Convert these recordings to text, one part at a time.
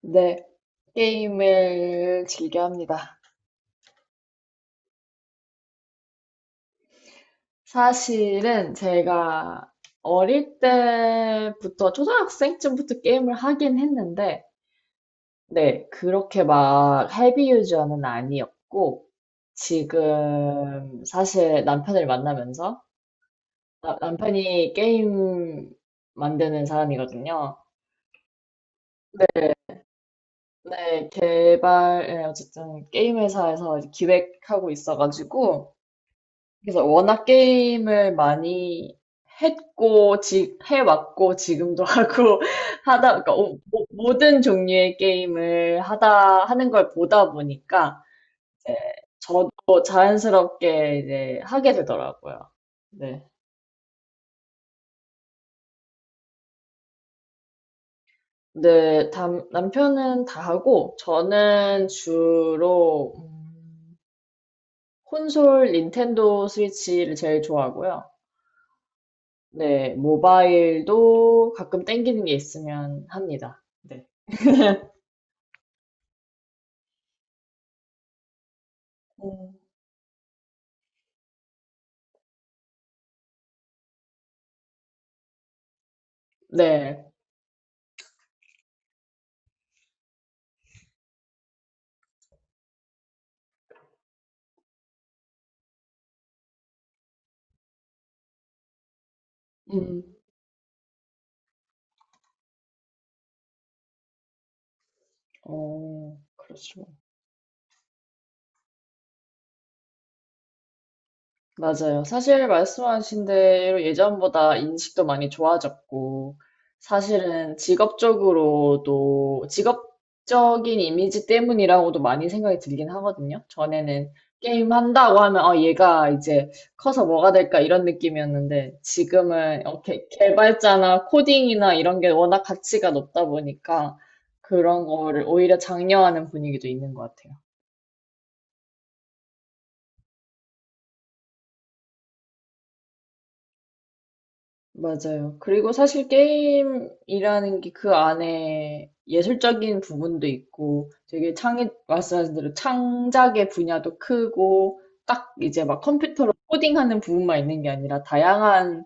네, 게임을 즐겨 합니다. 사실은 제가 어릴 때부터, 초등학생쯤부터 게임을 하긴 했는데, 네, 그렇게 막 헤비 유저는 아니었고, 지금 사실 남편을 만나면서, 남편이 게임 만드는 사람이거든요. 네, 네, 개발, 네, 어쨌든 게임 회사에서 기획하고 있어가지고, 그래서 워낙 게임을 많이 했고, 해왔고, 지금도 하고, 그러니까 모든 종류의 게임을 하는 걸 보다 보니까, 이제 저도 자연스럽게 이제 하게 되더라고요. 네. 네, 남편은 다 하고, 저는 주로, 콘솔 닌텐도 스위치를 제일 좋아하고요. 네, 모바일도 가끔 땡기는 게 있으면 합니다. 네. 음, 네. 음, 어, 그렇죠. 맞아요. 사실 말씀하신 대로 예전보다 인식도 많이 좋아졌고, 사실은 직업적으로도, 직업적인 이미지 때문이라고도 많이 생각이 들긴 하거든요. 전에는 게임 한다고 하면, 어, 얘가 이제 커서 뭐가 될까 이런 느낌이었는데, 지금은 이렇게 개발자나 코딩이나 이런 게 워낙 가치가 높다 보니까, 그런 거를 오히려 장려하는 분위기도 있는 것 같아요. 맞아요. 그리고 사실 게임이라는 게 그 안에 예술적인 부분도 있고 되게 창의, 말씀하신 대로 창작의 분야도 크고 딱 이제 막 컴퓨터로 코딩하는 부분만 있는 게 아니라 다양한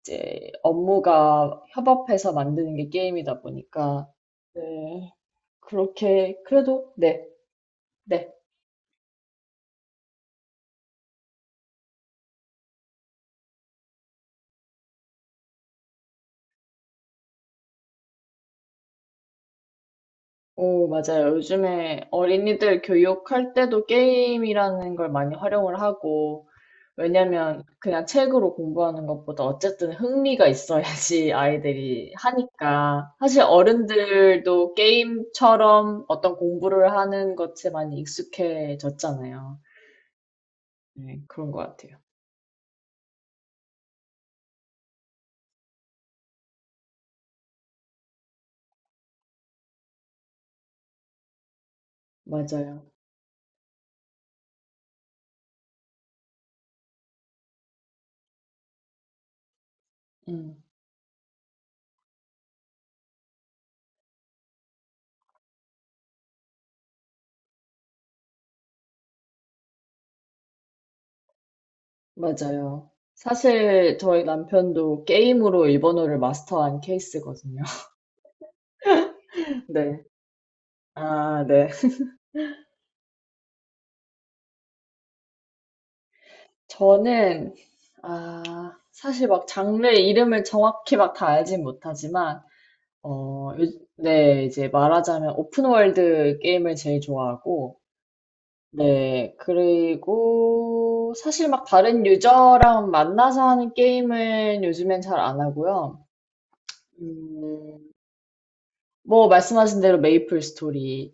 이제 업무가 협업해서 만드는 게 게임이다 보니까 네, 그렇게 그래도 네, 네. 오, 맞아요. 요즘에 어린이들 교육할 때도 게임이라는 걸 많이 활용을 하고 왜냐면 그냥 책으로 공부하는 것보다 어쨌든 흥미가 있어야지 아이들이 하니까. 사실 어른들도 게임처럼 어떤 공부를 하는 것에 많이 익숙해졌잖아요. 네, 그런 것 같아요. 맞아요. 음, 맞아요. 사실 저희 남편도 게임으로 일본어를 마스터한 케이스거든요. 네. 아, 네. 저는, 아, 사실 막 장르 이름을 정확히 막 다 알진 못하지만, 네, 이제 말하자면 오픈월드 게임을 제일 좋아하고, 네, 그리고 사실 막 다른 유저랑 만나서 하는 게임은 요즘엔 잘 안 하고요. 음, 뭐 말씀하신 대로 메이플 스토리,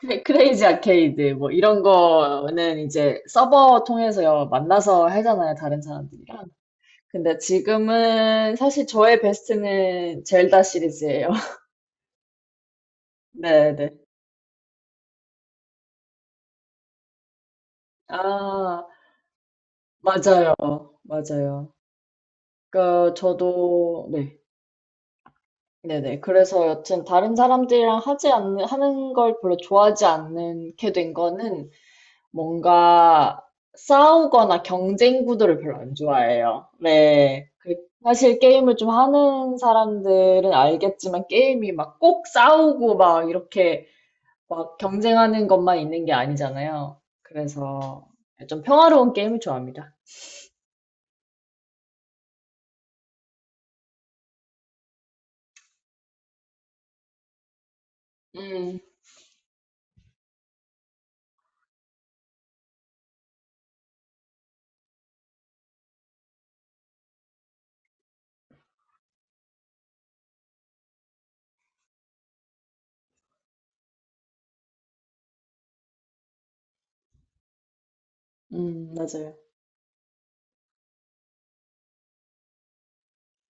크레이지 아케이드, 뭐 이런 거는 이제 서버 통해서 만나서 하잖아요, 다른 사람들이랑. 근데 지금은 사실 저의 베스트는 젤다 시리즈예요. 네, 네. 아, 맞아요. 맞아요. 그러니까 저도 네. 네네. 그래서 여튼 다른 사람들이랑 하지 않는 하는 걸 별로 좋아하지 않게 된 거는 뭔가 싸우거나 경쟁 구도를 별로 안 좋아해요. 네. 그- 사실 게임을 좀 하는 사람들은 알겠지만 게임이 막 꼭 싸우고 막 이렇게 막 경쟁하는 것만 있는 게 아니잖아요. 그래서 좀 평화로운 게임을 좋아합니다. 음, 맞아요.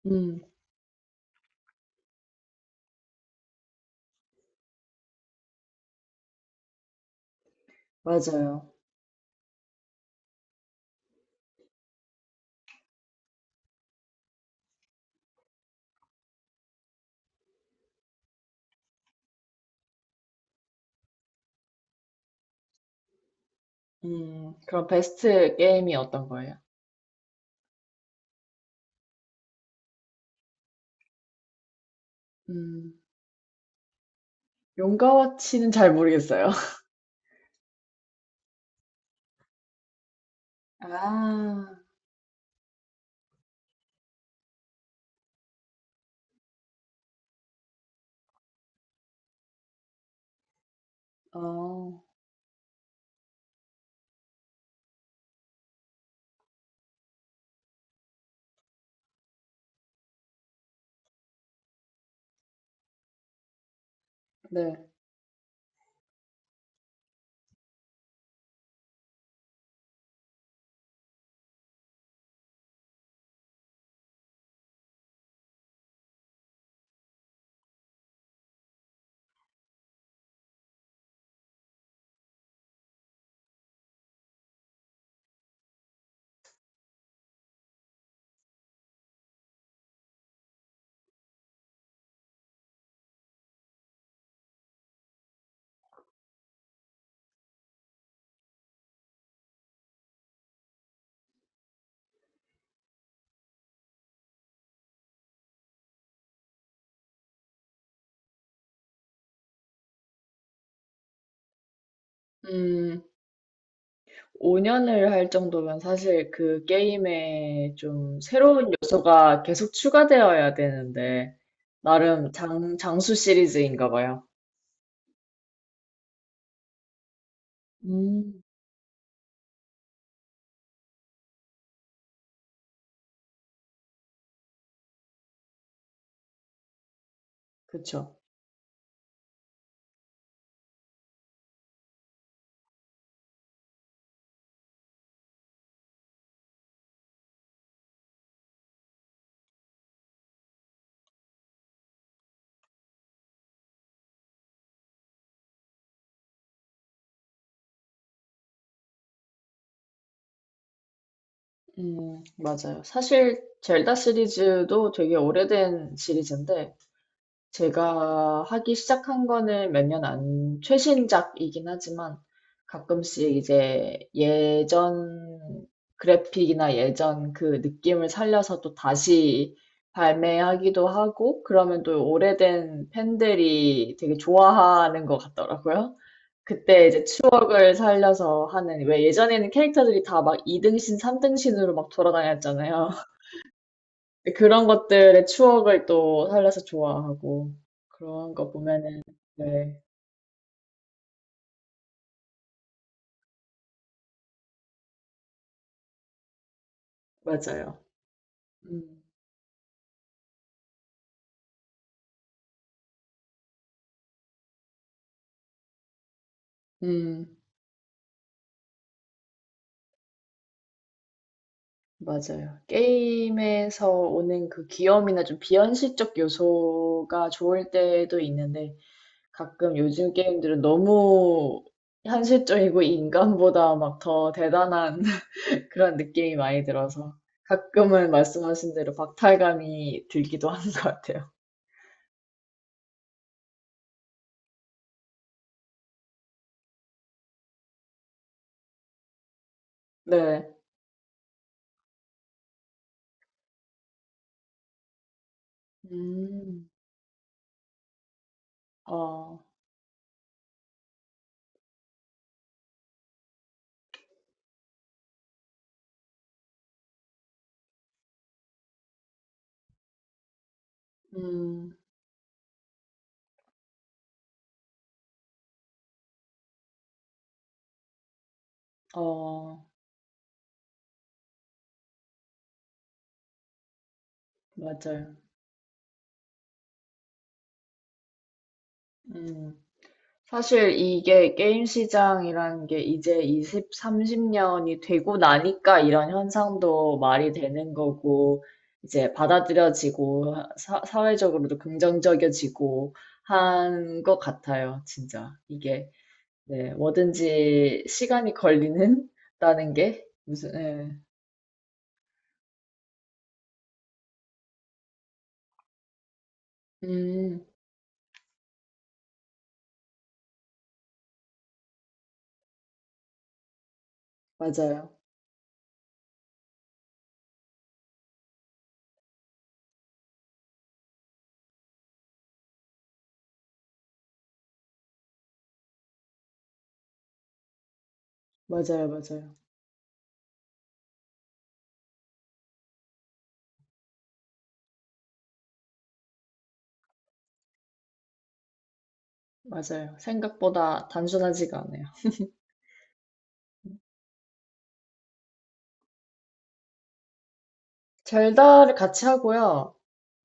음. 맞아요. 그럼 베스트 게임이 어떤 거예요? 음, 용가와치는 잘 모르겠어요. 아, 어, 네. 음, 5년을 할 정도면 사실 그 게임에 좀 새로운 요소가 계속 추가되어야 되는데, 나름 장수 시리즈인가 봐요. 음, 그쵸. 맞아요. 사실 젤다 시리즈도 되게 오래된 시리즈인데, 제가 하기 시작한 거는 몇 년 안, 최신작이긴 하지만 가끔씩 이제 예전 그래픽이나 예전 그 느낌을 살려서 또 다시 발매하기도 하고 그러면 또 오래된 팬들이 되게 좋아하는 것 같더라고요. 그때 이제 추억을 살려서 하는, 왜 예전에는 캐릭터들이 다 막 2등신, 3등신으로 막 돌아다녔잖아요. 네, 그런 것들의 추억을 또 살려서 좋아하고 그런 거 보면은 네 맞아요. 음, 음 맞아요. 게임에서 오는 그 귀염이나 좀 비현실적 요소가 좋을 때도 있는데 가끔 요즘 게임들은 너무 현실적이고 인간보다 막 더 대단한 그런 느낌이 많이 들어서 가끔은 말씀하신 대로 박탈감이 들기도 하는 것 같아요. 네. 음, 어, 음. 어, 맞아요. 음. 사실 이게 게임 시장이라는 게 이제 20, 30년이 되고 나니까 이런 현상도 말이 되는 거고, 이제 받아들여지고, 사회적으로도 긍정적이어지고 한 것 같아요, 진짜. 이게, 네, 뭐든지 시간이 걸리는? 다는 게 무슨, 예. 음, 맞아요. 맞아요, 맞아요. 맞아요. 생각보다 단순하지가 않아요. 젤다를 같이 하고요.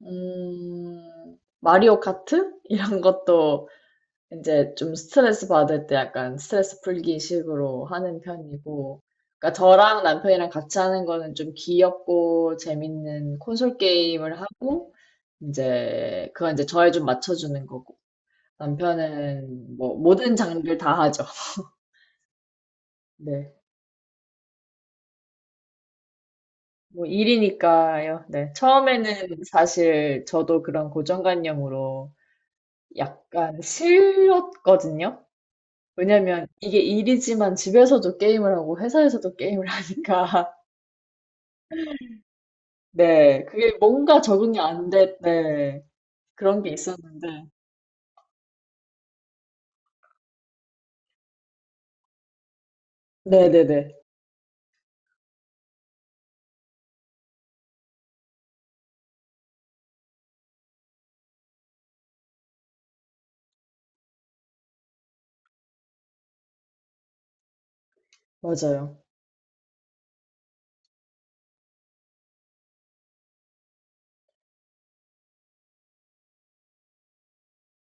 마리오 카트? 이런 것도 이제 좀 스트레스 받을 때 약간 스트레스 풀기 식으로 하는 편이고. 그러니까 저랑 남편이랑 같이 하는 거는 좀 귀엽고 재밌는 콘솔 게임을 하고, 이제 그건 이제 저에 좀 맞춰주는 거고. 남편은 뭐 모든 장르를 다 하죠. 네. 뭐 일이니까요. 네. 처음에는 사실 저도 그런 고정관념으로 약간 싫었거든요. 왜냐면 이게 일이지만 집에서도 게임을 하고 회사에서도 게임을 하니까 네 그게 뭔가 적응이 안 됐네 그런 게 있었는데 네네네 맞아요.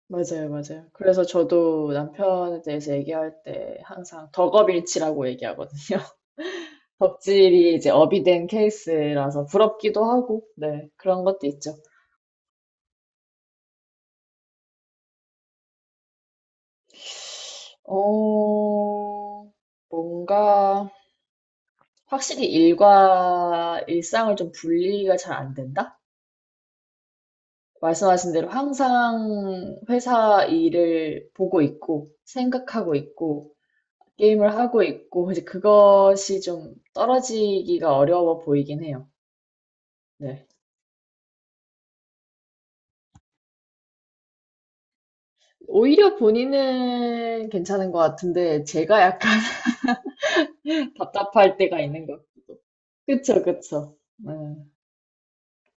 맞아요, 맞아요. 그래서 저도 남편에 대해서 얘기할 때 항상 덕업일치라고 얘기하거든요. 덕질이 이제 업이 된 케이스라서 부럽기도 하고, 네, 그런 것도 있죠. 어, 뭔가 확실히 일과 일상을 좀 분리가 잘 안 된다? 말씀하신 대로 항상 회사 일을 보고 있고, 생각하고 있고, 게임을 하고 있고, 이제 그것이 좀 떨어지기가 어려워 보이긴 해요. 네. 오히려 본인은 괜찮은 것 같은데, 제가 약간 답답할 때가 있는 것 같고. 그쵸, 그쵸. 네.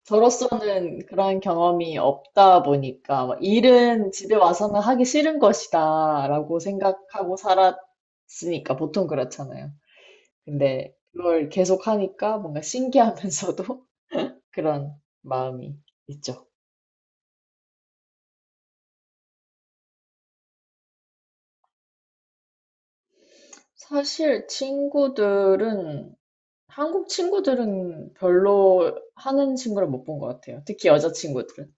저로서는 그런 경험이 없다 보니까 막 일은 집에 와서는 하기 싫은 것이다라고 생각하고 살았으니까 보통 그렇잖아요. 근데 그걸 계속 하니까 뭔가 신기하면서도 그런 마음이 있죠. 사실 친구들은 한국 친구들은 별로 하는 친구를 못 본 것 같아요. 특히 여자 친구들은.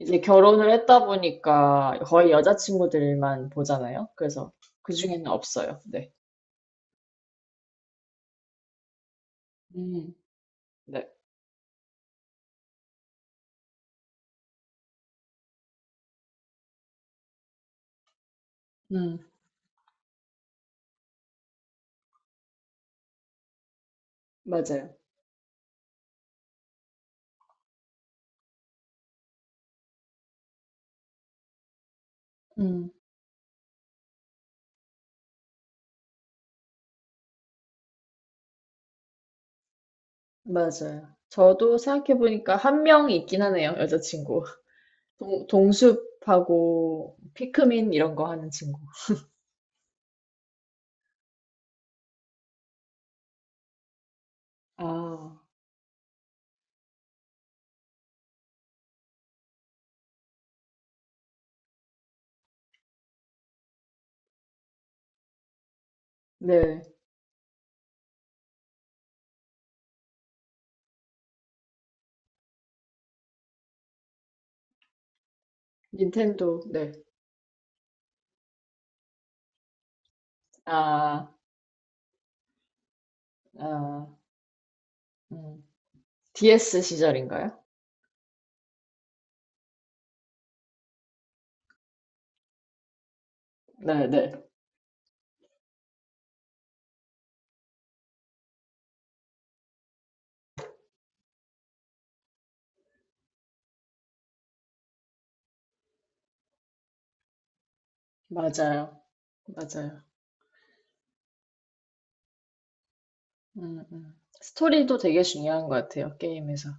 이제 결혼을 했다 보니까 거의 여자 친구들만 보잖아요. 그래서 그중에는 없어요. 네. 음. 네, 음. 맞아요. 음. 맞아요. 저도 생각해보니까 한 명이 있긴 하네요, 여자친구. 동숲하고 피크민 이런 거 하는 친구. 아, 네, 닌텐도, 네. 아, 아, 음. DS 시절인가요? 네, 네. 맞아요. 맞아요. 스토리도 되게 중요한 것 같아요, 게임에서.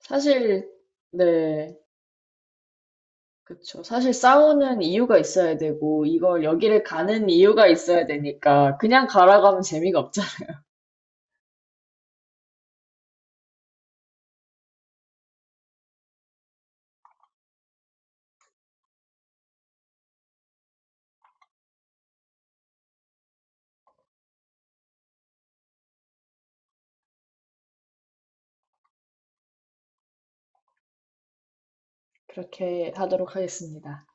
사실, 네. 그쵸. 사실 싸우는 이유가 있어야 되고, 이걸 여기를 가는 이유가 있어야 되니까, 그냥 가라고 하면 재미가 없잖아. 그렇게 하도록 하겠습니다.